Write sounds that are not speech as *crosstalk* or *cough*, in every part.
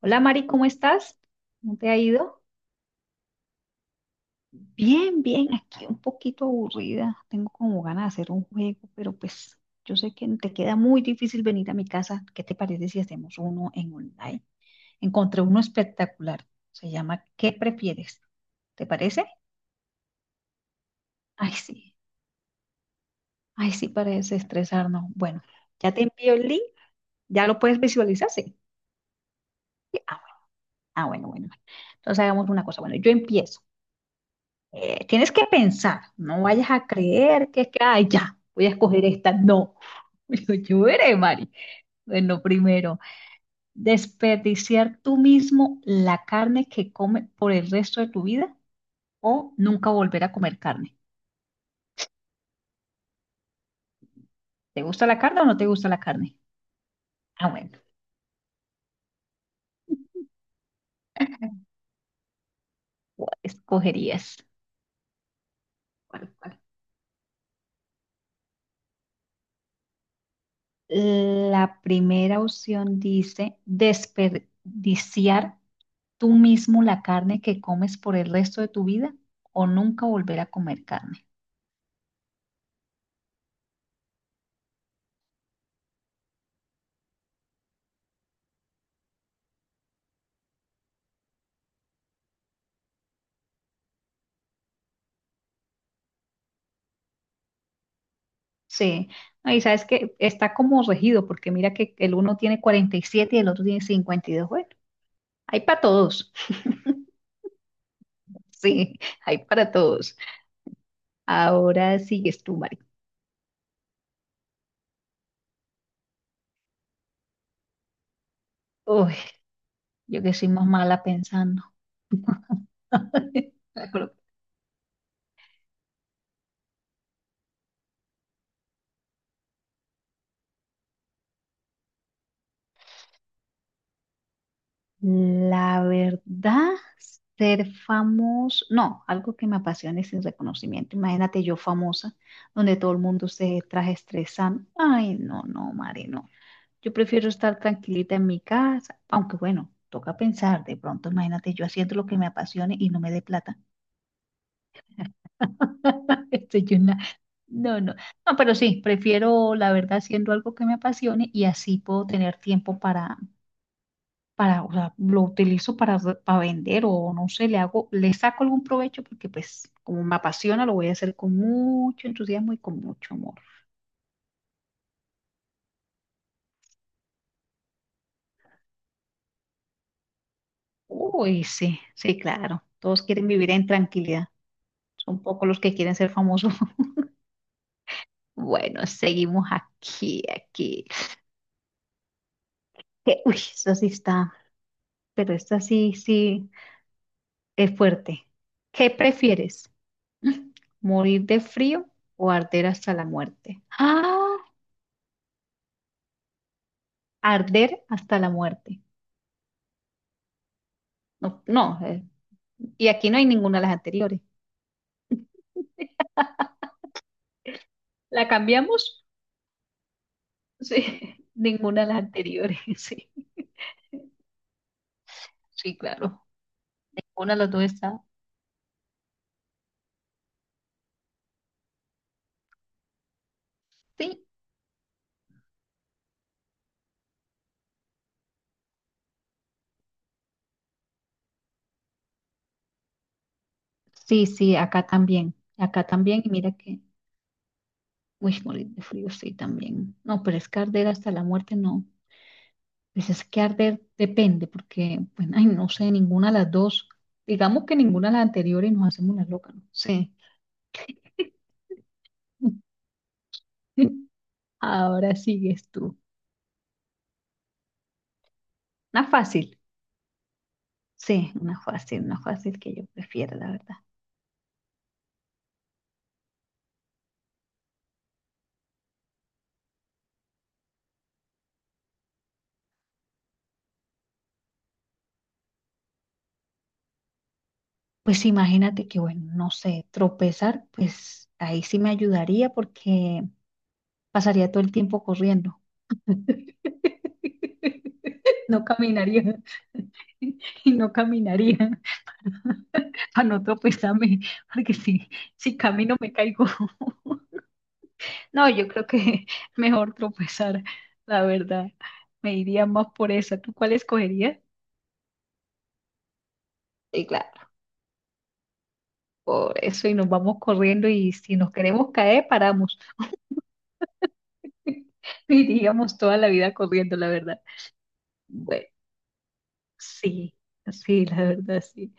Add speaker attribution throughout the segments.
Speaker 1: Hola Mari, ¿cómo estás? ¿Cómo te ha ido? Bien, bien, aquí un poquito aburrida. Tengo como ganas de hacer un juego, pero pues yo sé que te queda muy difícil venir a mi casa. ¿Qué te parece si hacemos uno en online? Encontré uno espectacular. Se llama ¿Qué prefieres? ¿Te parece? Ay, sí. Ay, sí, para desestresarnos. Bueno, ya te envío el link. ¿Ya lo puedes visualizar? Sí. Sí. Ah, bueno, ah, bueno, bueno, bueno. Entonces hagamos una cosa. Bueno, yo empiezo. Tienes que pensar, no vayas a creer que es que, ay, ya, voy a escoger esta. No, *laughs* yo veré, Mari. Bueno, primero, desperdiciar tú mismo la carne que comes por el resto de tu vida o nunca volver a comer carne. ¿Te gusta la carne o no te gusta la carne? Ah, bueno, ¿cuál escogerías? ¿Cuál, cuál? La primera opción dice desperdiciar tú mismo la carne que comes por el resto de tu vida o nunca volver a comer carne. Sí. No, y sabes que está como regido, porque mira que el uno tiene 47 y el otro tiene 52. Bueno, hay para todos. *laughs* Sí, hay para todos. Ahora sigues tú, Mari. Uy, yo que soy más mala pensando. *laughs* La verdad, ser famoso, no, algo que me apasione sin reconocimiento. Imagínate yo famosa, donde todo el mundo se traje estresando. Ay, no, no, Mari, no. Yo prefiero estar tranquilita en mi casa, aunque bueno, toca pensar, de pronto imagínate yo haciendo lo que me apasione y no me dé plata. *laughs* Estoy una- No, no, no, pero sí, prefiero la verdad haciendo algo que me apasione y así puedo tener tiempo para, o sea, lo utilizo para vender o no sé, le hago, le saco algún provecho porque pues como me apasiona lo voy a hacer con mucho entusiasmo y con mucho amor. Uy, sí, sí, claro, todos quieren vivir en tranquilidad, son pocos los que quieren ser famosos. Bueno, seguimos aquí, aquí. Uy, eso sí está, pero esta sí, sí es fuerte. ¿Qué prefieres? *laughs* Mm, ¿Morir de frío o arder hasta la muerte? Ah, arder hasta la muerte. No, no, y aquí no hay ninguna de las anteriores. ¿La cambiamos? Sí, *laughs* ninguna de las anteriores, *laughs* sí. Sí, claro. Una de las dos está. Sí, sí, sí, acá también. Acá también, y mira que. Uy, morir de frío, sí, también. No, pero es que arder hasta la muerte, no. Pues es que arder depende, porque, bueno, ay, no sé, ninguna de las dos. Digamos que ninguna de las anteriores nos hacemos la loca, no sé. *laughs* Ahora sigues tú. Una fácil, sí, una fácil que yo prefiero, la verdad. Pues imagínate que, bueno, no sé, tropezar, pues ahí sí me ayudaría porque pasaría todo el tiempo corriendo. *laughs* No caminaría, y no caminaría para no tropezarme, porque si camino me caigo. *laughs* No, yo creo que *laughs* mejor tropezar, la verdad. Me iría más por esa. ¿Tú cuál escogerías? Sí, claro, por eso y nos vamos corriendo y si nos queremos caer, paramos. *laughs* Iríamos toda la vida corriendo, la verdad. Bueno, sí, sí, la verdad, sí.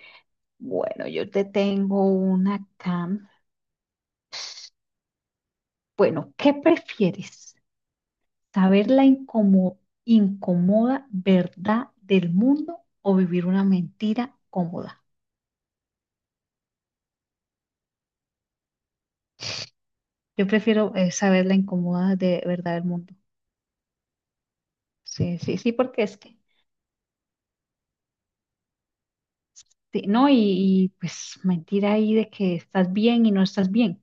Speaker 1: Bueno, yo te tengo una acá. Bueno, ¿qué prefieres? ¿Saber la incomoda verdad del mundo o vivir una mentira cómoda? Yo prefiero saber la incómoda de verdad del mundo. Sí, sí, sí, porque es que, sí, ¿no? Y, pues mentira ahí de que estás bien y no estás bien.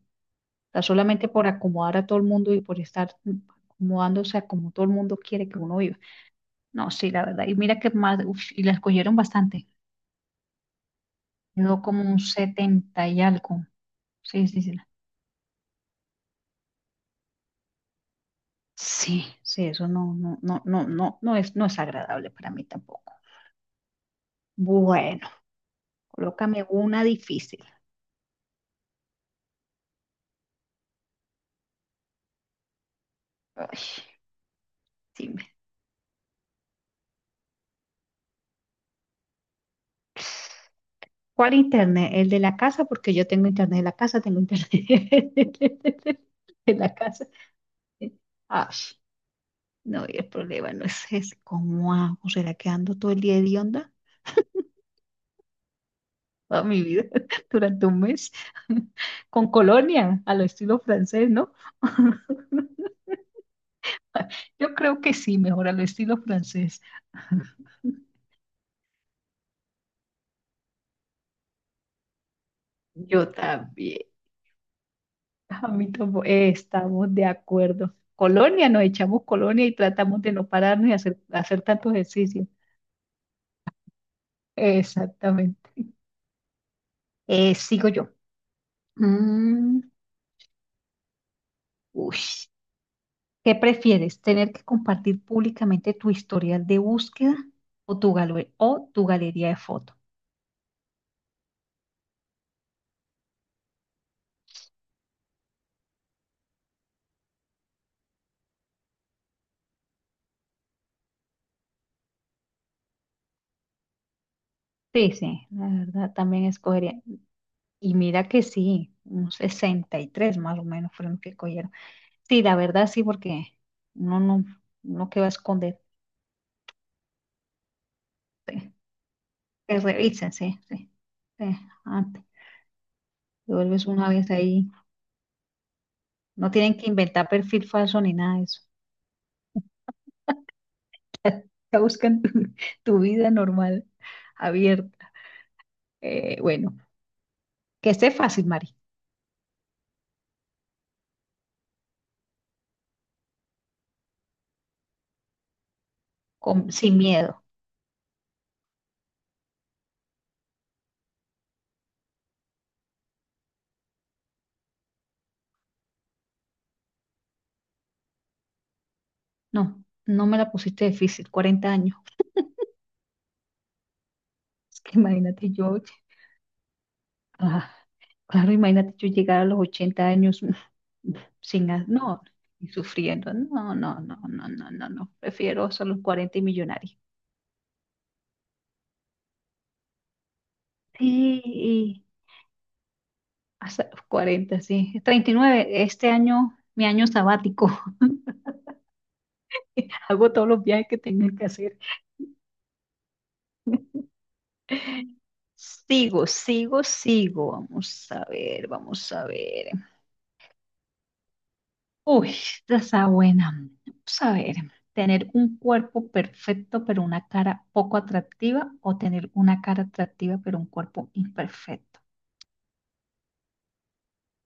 Speaker 1: O sea, solamente por acomodar a todo el mundo y por estar acomodándose a como todo el mundo quiere que uno viva. No, sí, la verdad. Y mira que más, uf, y la escogieron bastante. Quedó como un 70 y algo. Sí, sí, sí. Sí, sí, eso no, no, no, no, no, no es, no es agradable para mí tampoco. Bueno, colócame una difícil. Ay, dime. ¿Cuál internet? ¿El de la casa? Porque yo tengo internet de la casa, tengo internet *laughs* de la casa. Ay, no, y el problema no es ese. ¿Cómo hago? ¿Será que ando todo el día de onda? Toda mi vida *laughs* durante un mes *laughs* con colonia a lo estilo francés, ¿no? *laughs* Yo creo que sí, mejor a lo estilo francés. *laughs* Yo también. Estamos de acuerdo. Colonia, nos echamos colonia y tratamos de no pararnos y hacer, hacer tanto ejercicio. Exactamente. Sigo yo. Mm, Uy. ¿Qué prefieres? ¿Tener que compartir públicamente tu historial de búsqueda o o tu galería de fotos? Sí, sí, la verdad también escogería. Y mira que sí, un 63 más o menos fueron los que cogieron. Sí, la verdad sí, porque uno no, uno que va a esconder, te, te revisan, sí, sí, sí, antes, te vuelves una vez ahí. No tienen que inventar perfil falso ni nada de eso. *laughs* Te buscan tu vida normal, abierta. Bueno, que esté fácil, Mari, sin miedo. No, no me la pusiste difícil, 40 años. *laughs* Es que imagínate yo. Ah, claro, imagínate yo llegar a los 80 años *laughs* sin, ha- no, y sufriendo. No, no, no, no, no, no, no. Prefiero solo los 40 y millonarios. Sí, y hasta los 40 sí. 39 este año, mi año sabático. *laughs* Hago todos los viajes que tengo que hacer. Sigo, sigo, sigo. Vamos a ver, vamos a ver. Uy, esta está buena. Vamos a ver, tener un cuerpo perfecto pero una cara poco atractiva o tener una cara atractiva pero un cuerpo imperfecto.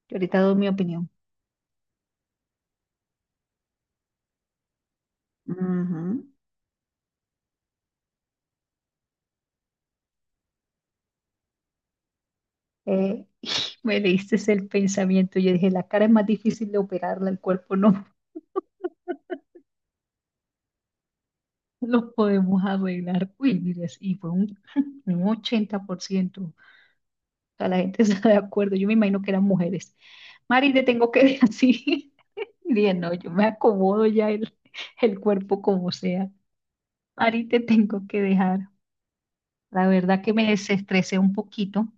Speaker 1: Yo ahorita doy mi opinión. Ujú. Eh, *laughs* Me leíste el pensamiento. Yo dije, la cara es más difícil de operarla, el cuerpo no *laughs* lo podemos arreglar. Uy, mira, y fue un, *laughs* un 80%. Sea, la gente *laughs* está de acuerdo. Yo me imagino que eran mujeres. Mari, te tengo que ver así. *laughs* Y dije, no, yo me acomodo ya el cuerpo como sea. Mari, te tengo que dejar. La verdad que me desestresé un poquito.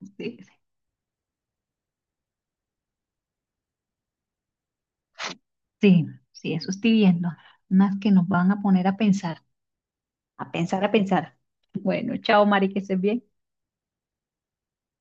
Speaker 1: Sí, sí, sí, eso estoy viendo. Más que nos van a poner a pensar, a pensar, a pensar. Bueno, chao, Mari, que estés bien.